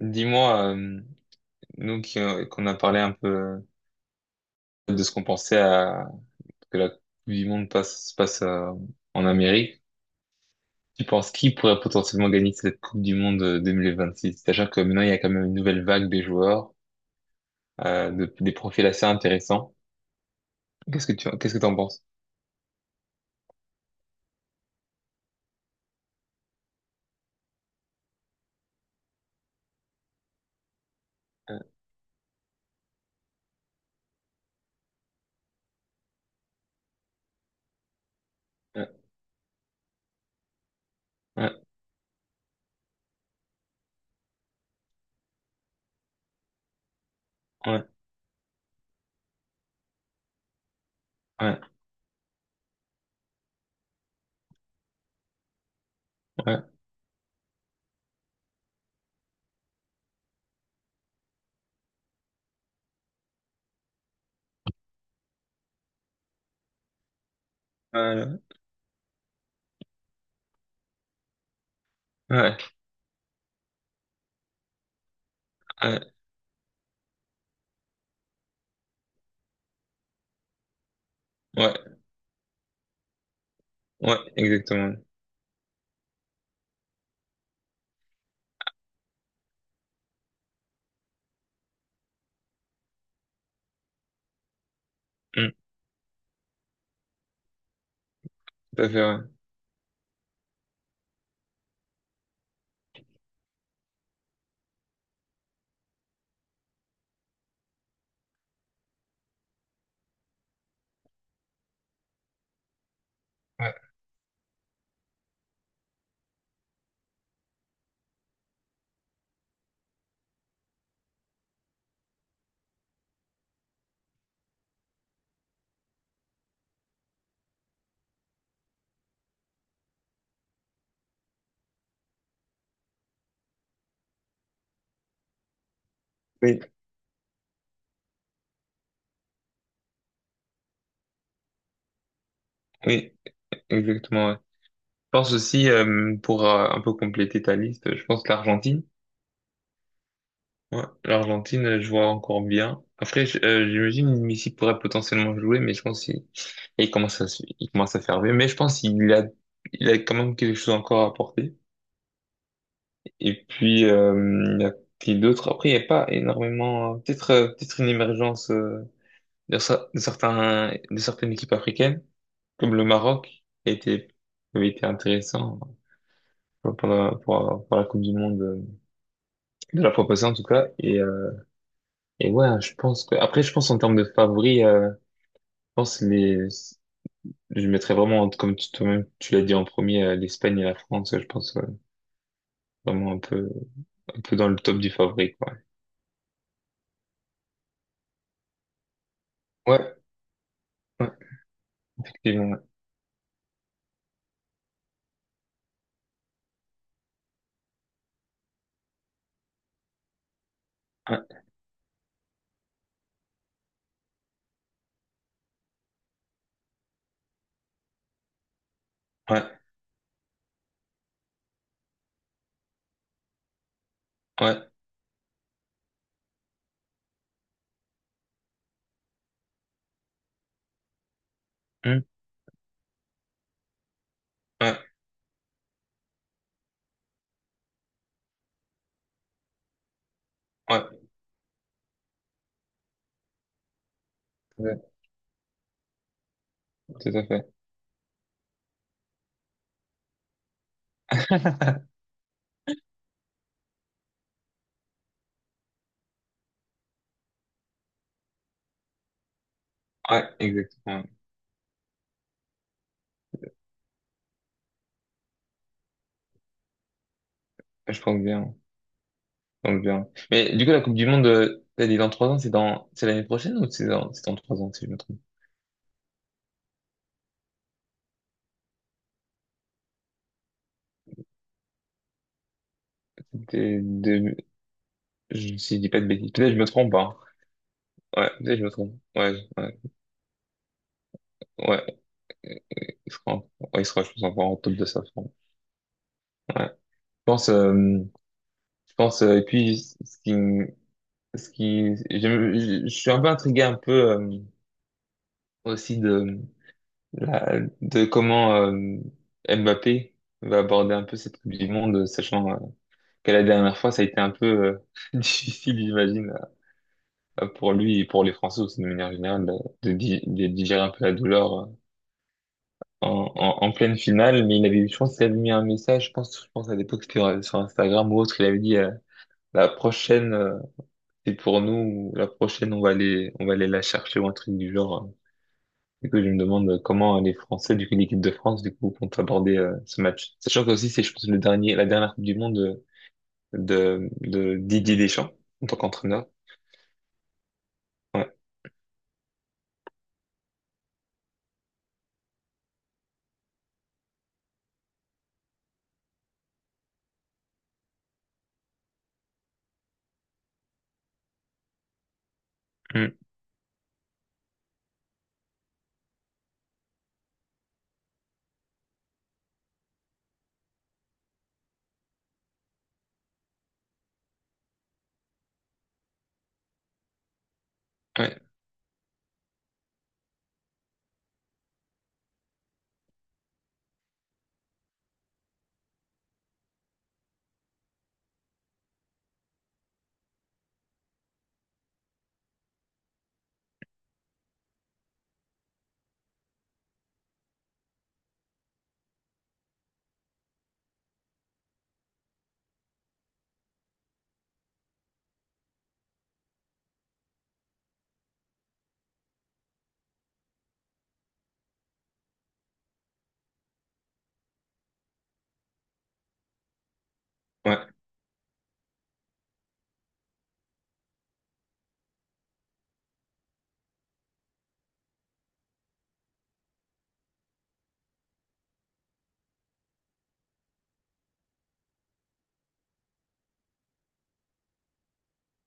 Dis-moi, nous qui, qu'on a parlé un peu de ce qu'on pensait à que la Coupe du Monde passe, se passe en Amérique, tu penses qui pourrait potentiellement gagner cette Coupe du Monde 2026? C'est-à-dire que maintenant il y a quand même une nouvelle vague des joueurs, des profils assez intéressants. Qu'est-ce que qu'est-ce que t'en penses? Euh, euh, Ouais, ouais, ouais, ouais, euh, ouais, ouais, ouais, ouais, exactement. Mm, tout à fait, ouais. Ouais. Oui, oui, exactement, ouais. Pense aussi, pour un peu compléter ta liste, je pense que l'Argentine. Ouais, l'Argentine, je vois encore bien. Après, j'imagine que Messi pourrait potentiellement jouer, mais je pense qu'il il commence à, il commence à faire vieux. Mais je pense qu'il a, il a quand même quelque chose encore à apporter. Et puis, il y a qui d'autres. Après, il n'y a pas énormément, peut-être, peut-être une émergence, de, de certains, de certaines équipes africaines, comme le Maroc, qui a été, qui avait été intéressant pour la Coupe du Monde de la fois passée en tout cas. Et ouais, je pense que après, je pense en termes de favoris, je pense les, je mettrais vraiment comme tu- toi-même tu l'as dit en premier, l'Espagne et la France. Je pense ouais, vraiment un peu dans le top du favori quoi. Ouais, ouais, effectivement. Ouais, ouais, ouais, hmm, ouais, ouais, ouais, tout à fait. Ouais, exactement. Ouais, je pense bien, je pense bien. Mais du coup, la Coupe du Monde, t'as dit dans trois ans, c'est dans, c'est l'année prochaine ou c'est dans trois ans si je me trompe? C'était deux- Si je dis pas de bêtises, peut-être que je me trompe, hein. Ouais, peut-être que je me trompe. Ouais, ouais, ouais. Il sera, ouais, il sera, je pense, encore en top de sa forme. Ouais. Je pense, euh, je pense, et puis, ce qui, me- ce qui, je suis un peu intrigué un peu, aussi de, la, de comment, Mbappé va aborder un peu cette Coupe du Monde, sachant, que la dernière fois, ça a été un peu, difficile, j'imagine, pour lui et pour les Français aussi, de manière générale, de, de digérer un peu la douleur, en, en, en pleine finale, mais il avait, je pense qu'il avait mis un message, je pense à l'époque c'était sur Instagram ou autre, il avait dit la prochaine c'est pour nous, ou la prochaine on va aller la chercher ou un truc du genre. Du coup, je me demande comment les Français, du coup l'équipe de France, du coup compte aborder ce match. Sachant que aussi c'est, je pense, le dernier, la dernière Coupe du Monde de Didier Deschamps en tant qu'entraîneur. Mm. Ouais, ouais,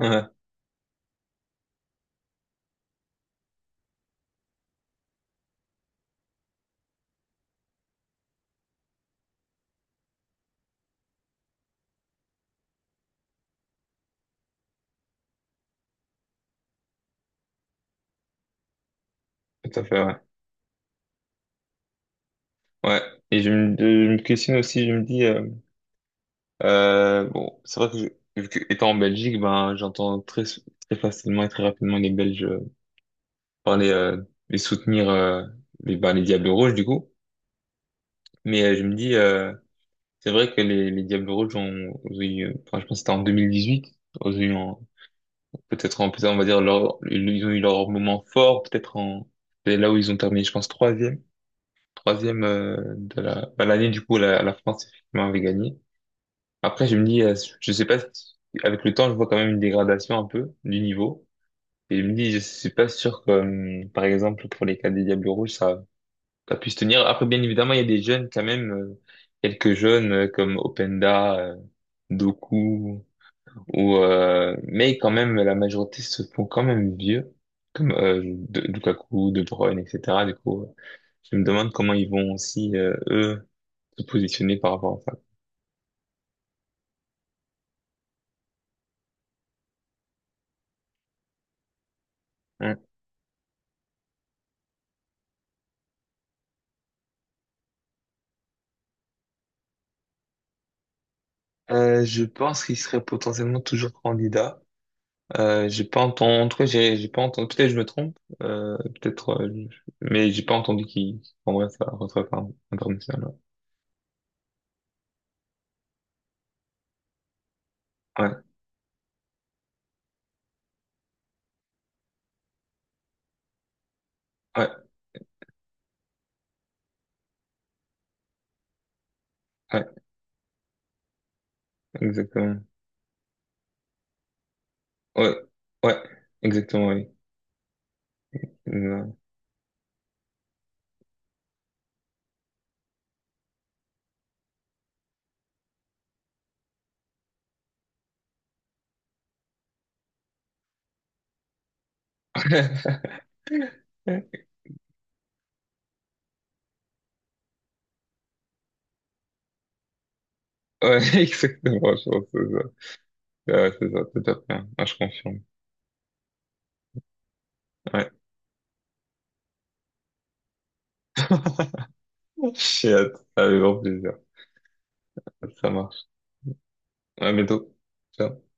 ouais, tout à fait, ouais. Ouais. Et je me questionne aussi, je me dis. Bon, c'est vrai que, vu que étant en Belgique, ben j'entends très très facilement et très rapidement les Belges parler, et soutenir les ben, les Diables Rouges du coup. Mais je me dis, c'est vrai que les Diables Rouges ont, ont eu, enfin, je pense que c'était en 2018, ont eu en- peut-être en plus on va dire leur ils ont eu leur moment fort, peut-être en c'est là où ils ont terminé, je pense troisième, troisième de la ben, l'année du coup la, la France effectivement avait gagné. Après, je me dis, je sais pas, avec le temps, je vois quand même une dégradation un peu du niveau. Et je me dis, je suis pas sûr que, par exemple, pour les cas des Diables Rouges, ça puisse tenir. Après, bien évidemment, il y a des jeunes quand même, quelques jeunes comme Openda, Doku, ou, mais quand même, la majorité se font quand même vieux, comme Lukaku, De Bruyne, etc. Du coup, je me demande comment ils vont aussi, eux, se positionner par rapport à ça. Mm. Je pense qu'il serait potentiellement toujours candidat. J'ai pas entendu, en tout cas, j'ai pas entendu, peut-être je me trompe, peut-être, mais j'ai pas entendu qu'il prendrait sa retraite hein, internationale. Ouais, ouais, ouais, exactement. Ouais, ouais, exactement, oui. Non. Ouais, exactement, je pense que c'est ça. Ouais, c'est ça, tout à fait. Hein. Ouais, je confirme. Ouais. J'ai hâte. Avec grand plaisir. Ça marche. À bientôt. Ciao.